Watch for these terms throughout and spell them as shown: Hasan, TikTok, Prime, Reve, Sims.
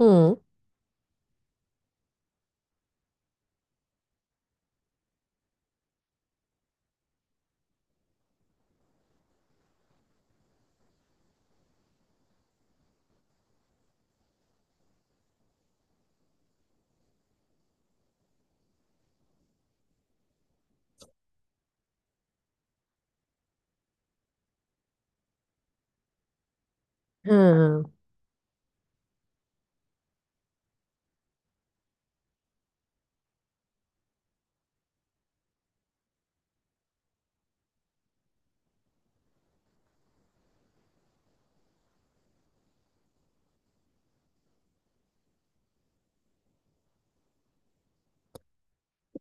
Hı. Hı.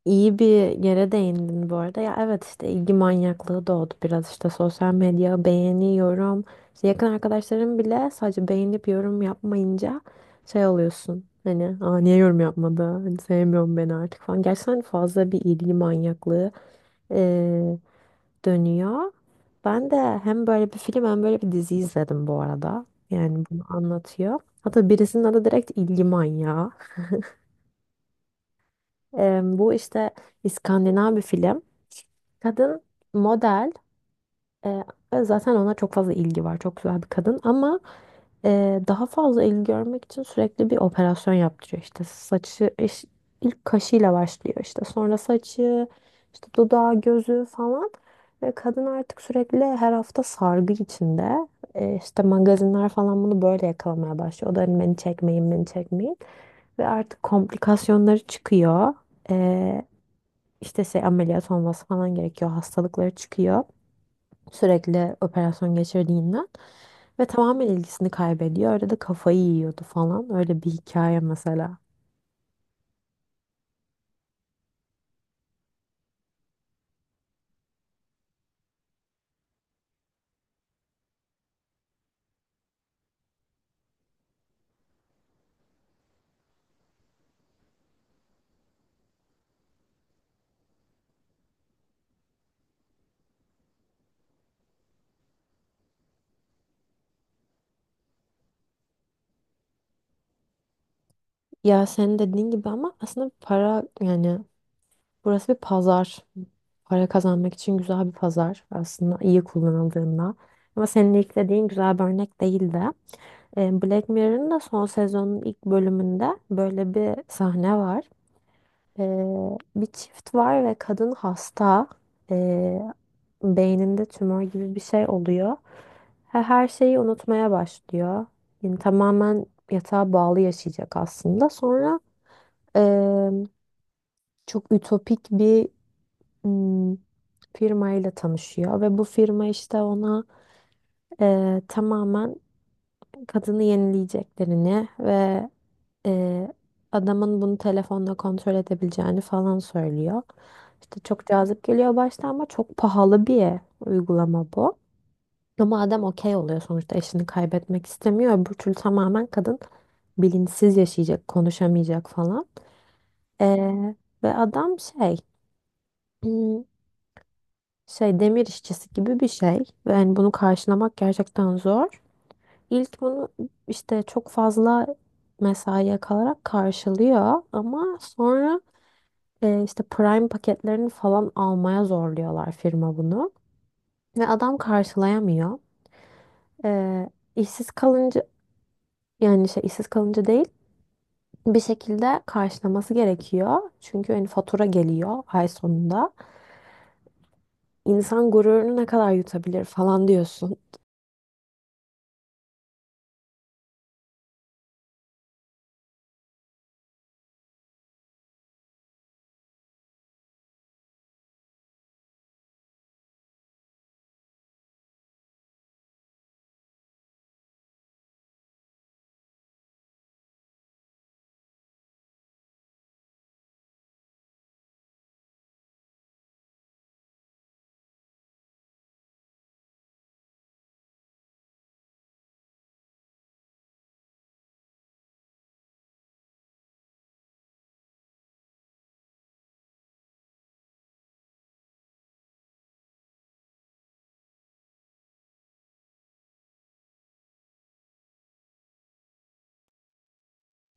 İyi bir yere değindin bu arada. Ya evet işte ilgi manyaklığı doğdu biraz işte sosyal medya beğeniyorum. İşte yakın arkadaşlarım bile sadece beğenip yorum yapmayınca şey oluyorsun. Hani aa, niye yorum yapmadı? Hani sevmiyorum beni artık falan. Gerçekten fazla bir ilgi manyaklığı eee, dönüyor. Ben de hem böyle bir film hem böyle bir dizi izledim bu arada. Yani bunu anlatıyor. Hatta birisinin adı direkt ilgi manyağı. Bu işte İskandinav bir film. Kadın model e, ve zaten ona çok fazla ilgi var. Çok güzel bir kadın ama daha fazla ilgi görmek için sürekli bir operasyon yaptırıyor. İşte ilk kaşıyla başlıyor, işte sonra saçı, işte dudağı, gözü falan ve kadın artık sürekli her hafta sargı içinde. E, işte magazinler falan bunu böyle yakalamaya başlıyor. O da hani beni çekmeyin, beni çekmeyin ve artık komplikasyonları çıkıyor, işte şey, ameliyat olması falan gerekiyor. Hastalıkları çıkıyor sürekli operasyon geçirdiğinden ve tamamen ilgisini kaybediyor. Öyle de kafayı yiyordu falan. Öyle bir hikaye mesela. Ya senin dediğin gibi, ama aslında para, yani burası bir pazar. Para kazanmak için güzel bir pazar aslında iyi kullanıldığında. Ama senin ilk dediğin güzel bir örnek değildi. E, Black Mirror'ın da son sezonun ilk bölümünde böyle bir sahne var. Bir çift var ve kadın hasta. Ee, Beyninde tümör gibi bir şey oluyor. Her şeyi unutmaya başlıyor. Yani tamamen yatağa bağlı yaşayacak aslında. Sonra ee, çok ütopik bir hmm, firmayla tanışıyor ve bu firma işte ona tamamen kadını yenileyeceklerini ve Ee, adamın bunu telefonla kontrol edebileceğini falan söylüyor. İşte çok cazip geliyor başta, ama çok pahalı bir uygulama bu. Ama adam okey oluyor, sonuçta eşini kaybetmek istemiyor. Öbür türlü tamamen kadın bilinçsiz yaşayacak, konuşamayacak falan. Ee, Ve adam hmm, şey demir işçisi gibi bir şey. Ve yani bunu karşılamak gerçekten zor. İlk bunu işte çok fazla mesaiye kalarak karşılıyor, ama sonra işte Prime paketlerini falan almaya zorluyorlar, firma bunu. Ve adam karşılayamıyor. E, işsiz kalınca, yani şey, işsiz kalınca değil, bir şekilde karşılaması gerekiyor. Çünkü hani fatura geliyor ay sonunda. İnsan gururunu ne kadar yutabilir falan diyorsun.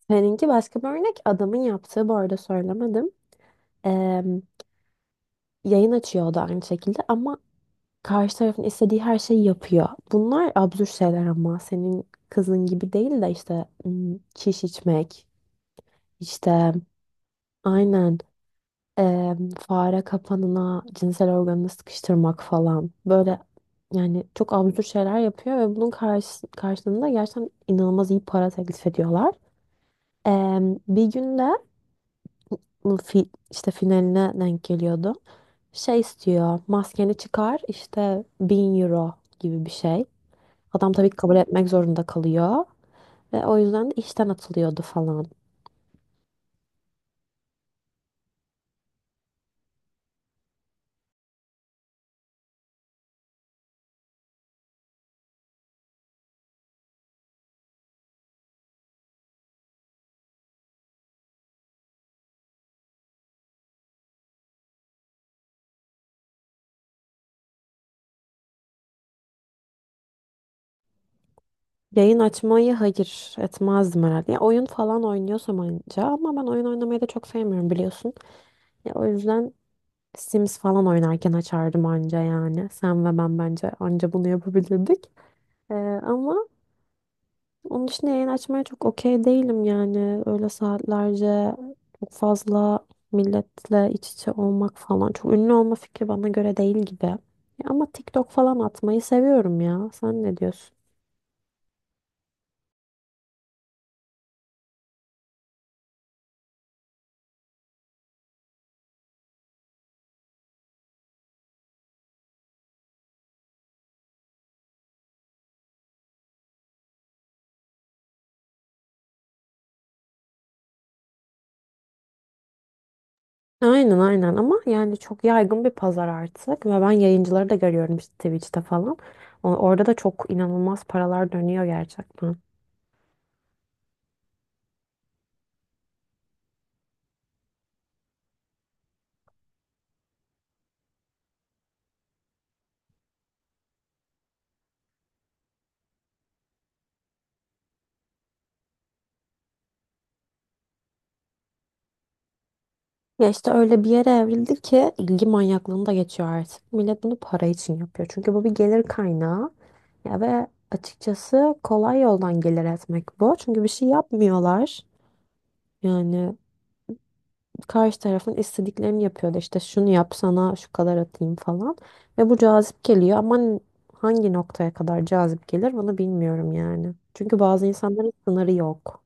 Seninki başka bir örnek. Adamın yaptığı, bu arada söylemedim. E, yayın açıyordu aynı şekilde ama karşı tarafın istediği her şeyi yapıyor. Bunlar absürt şeyler, ama senin kızın gibi değil de işte çiş içmek, işte aynen, fare kapanına cinsel organını sıkıştırmak falan. Böyle yani çok absürt şeyler yapıyor ve bunun karşılığında gerçekten inanılmaz iyi para teklif ediyorlar. Eee, Bir günde bu fi, işte finaline denk geliyordu. Şey istiyor, maskeni çıkar işte, 1.000 euro gibi bir şey. Adam tabii ki kabul etmek zorunda kalıyor ve o yüzden de işten atılıyordu falan. Yayın açmayı hayır etmezdim herhalde. Ya oyun falan oynuyorsam anca, ama ben oyun oynamayı da çok sevmiyorum biliyorsun. Ya o yüzden Sims falan oynarken açardım anca yani. Sen ve ben bence anca bunu yapabilirdik. Ee, ama onun için yayın açmaya çok okey değilim yani. Öyle saatlerce çok fazla milletle iç içe olmak falan. Çok ünlü olma fikri bana göre değil gibi. Ya ama TikTok falan atmayı seviyorum ya. Sen ne diyorsun? Aynen, aynen, ama yani çok yaygın bir pazar artık ve ben yayıncıları da görüyorum işte Twitch'te falan. Orada da çok inanılmaz paralar dönüyor gerçekten. Ya işte öyle bir yere evrildi ki ilgi manyaklığını da geçiyor artık. Millet bunu para için yapıyor. Çünkü bu bir gelir kaynağı. Ya ve açıkçası kolay yoldan gelir etmek bu. Çünkü bir şey yapmıyorlar. Yani karşı tarafın istediklerini yapıyor da işte şunu yap, sana şu kadar atayım falan. Ve bu cazip geliyor, ama hangi noktaya kadar cazip gelir bunu bilmiyorum yani. Çünkü bazı insanların sınırı yok.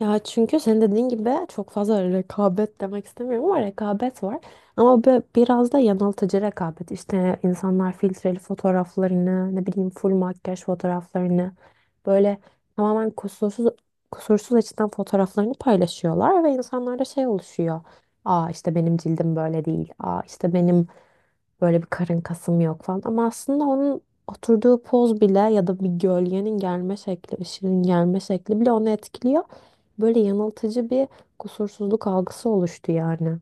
Ya çünkü senin dediğin gibi çok fazla rekabet demek istemiyorum, ama rekabet var. Ama biraz da yanıltıcı rekabet. İşte insanlar filtreli fotoğraflarını, ne bileyim full makyaj fotoğraflarını, böyle tamamen kusursuz, kusursuz açıdan fotoğraflarını paylaşıyorlar ve insanlarda şey oluşuyor. Aa, işte benim cildim böyle değil. Aa, işte benim böyle bir karın kasım yok falan. Ama aslında onun oturduğu poz bile, ya da bir gölgenin gelme şekli, ışığın gelme şekli bile onu etkiliyor. Böyle yanıltıcı bir kusursuzluk algısı oluştu yani.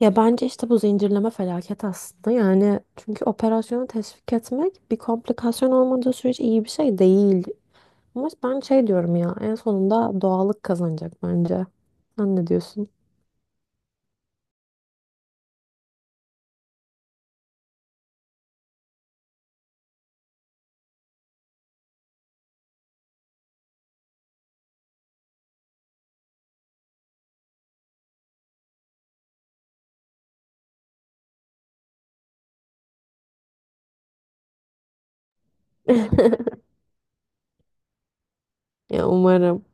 Ya bence işte bu zincirleme felaket aslında. Yani çünkü operasyonu teşvik etmek, bir komplikasyon olmadığı sürece, iyi bir şey değil. Ama ben şey diyorum ya, en sonunda doğallık kazanacak bence. Sen ne diyorsun? Ya umarım.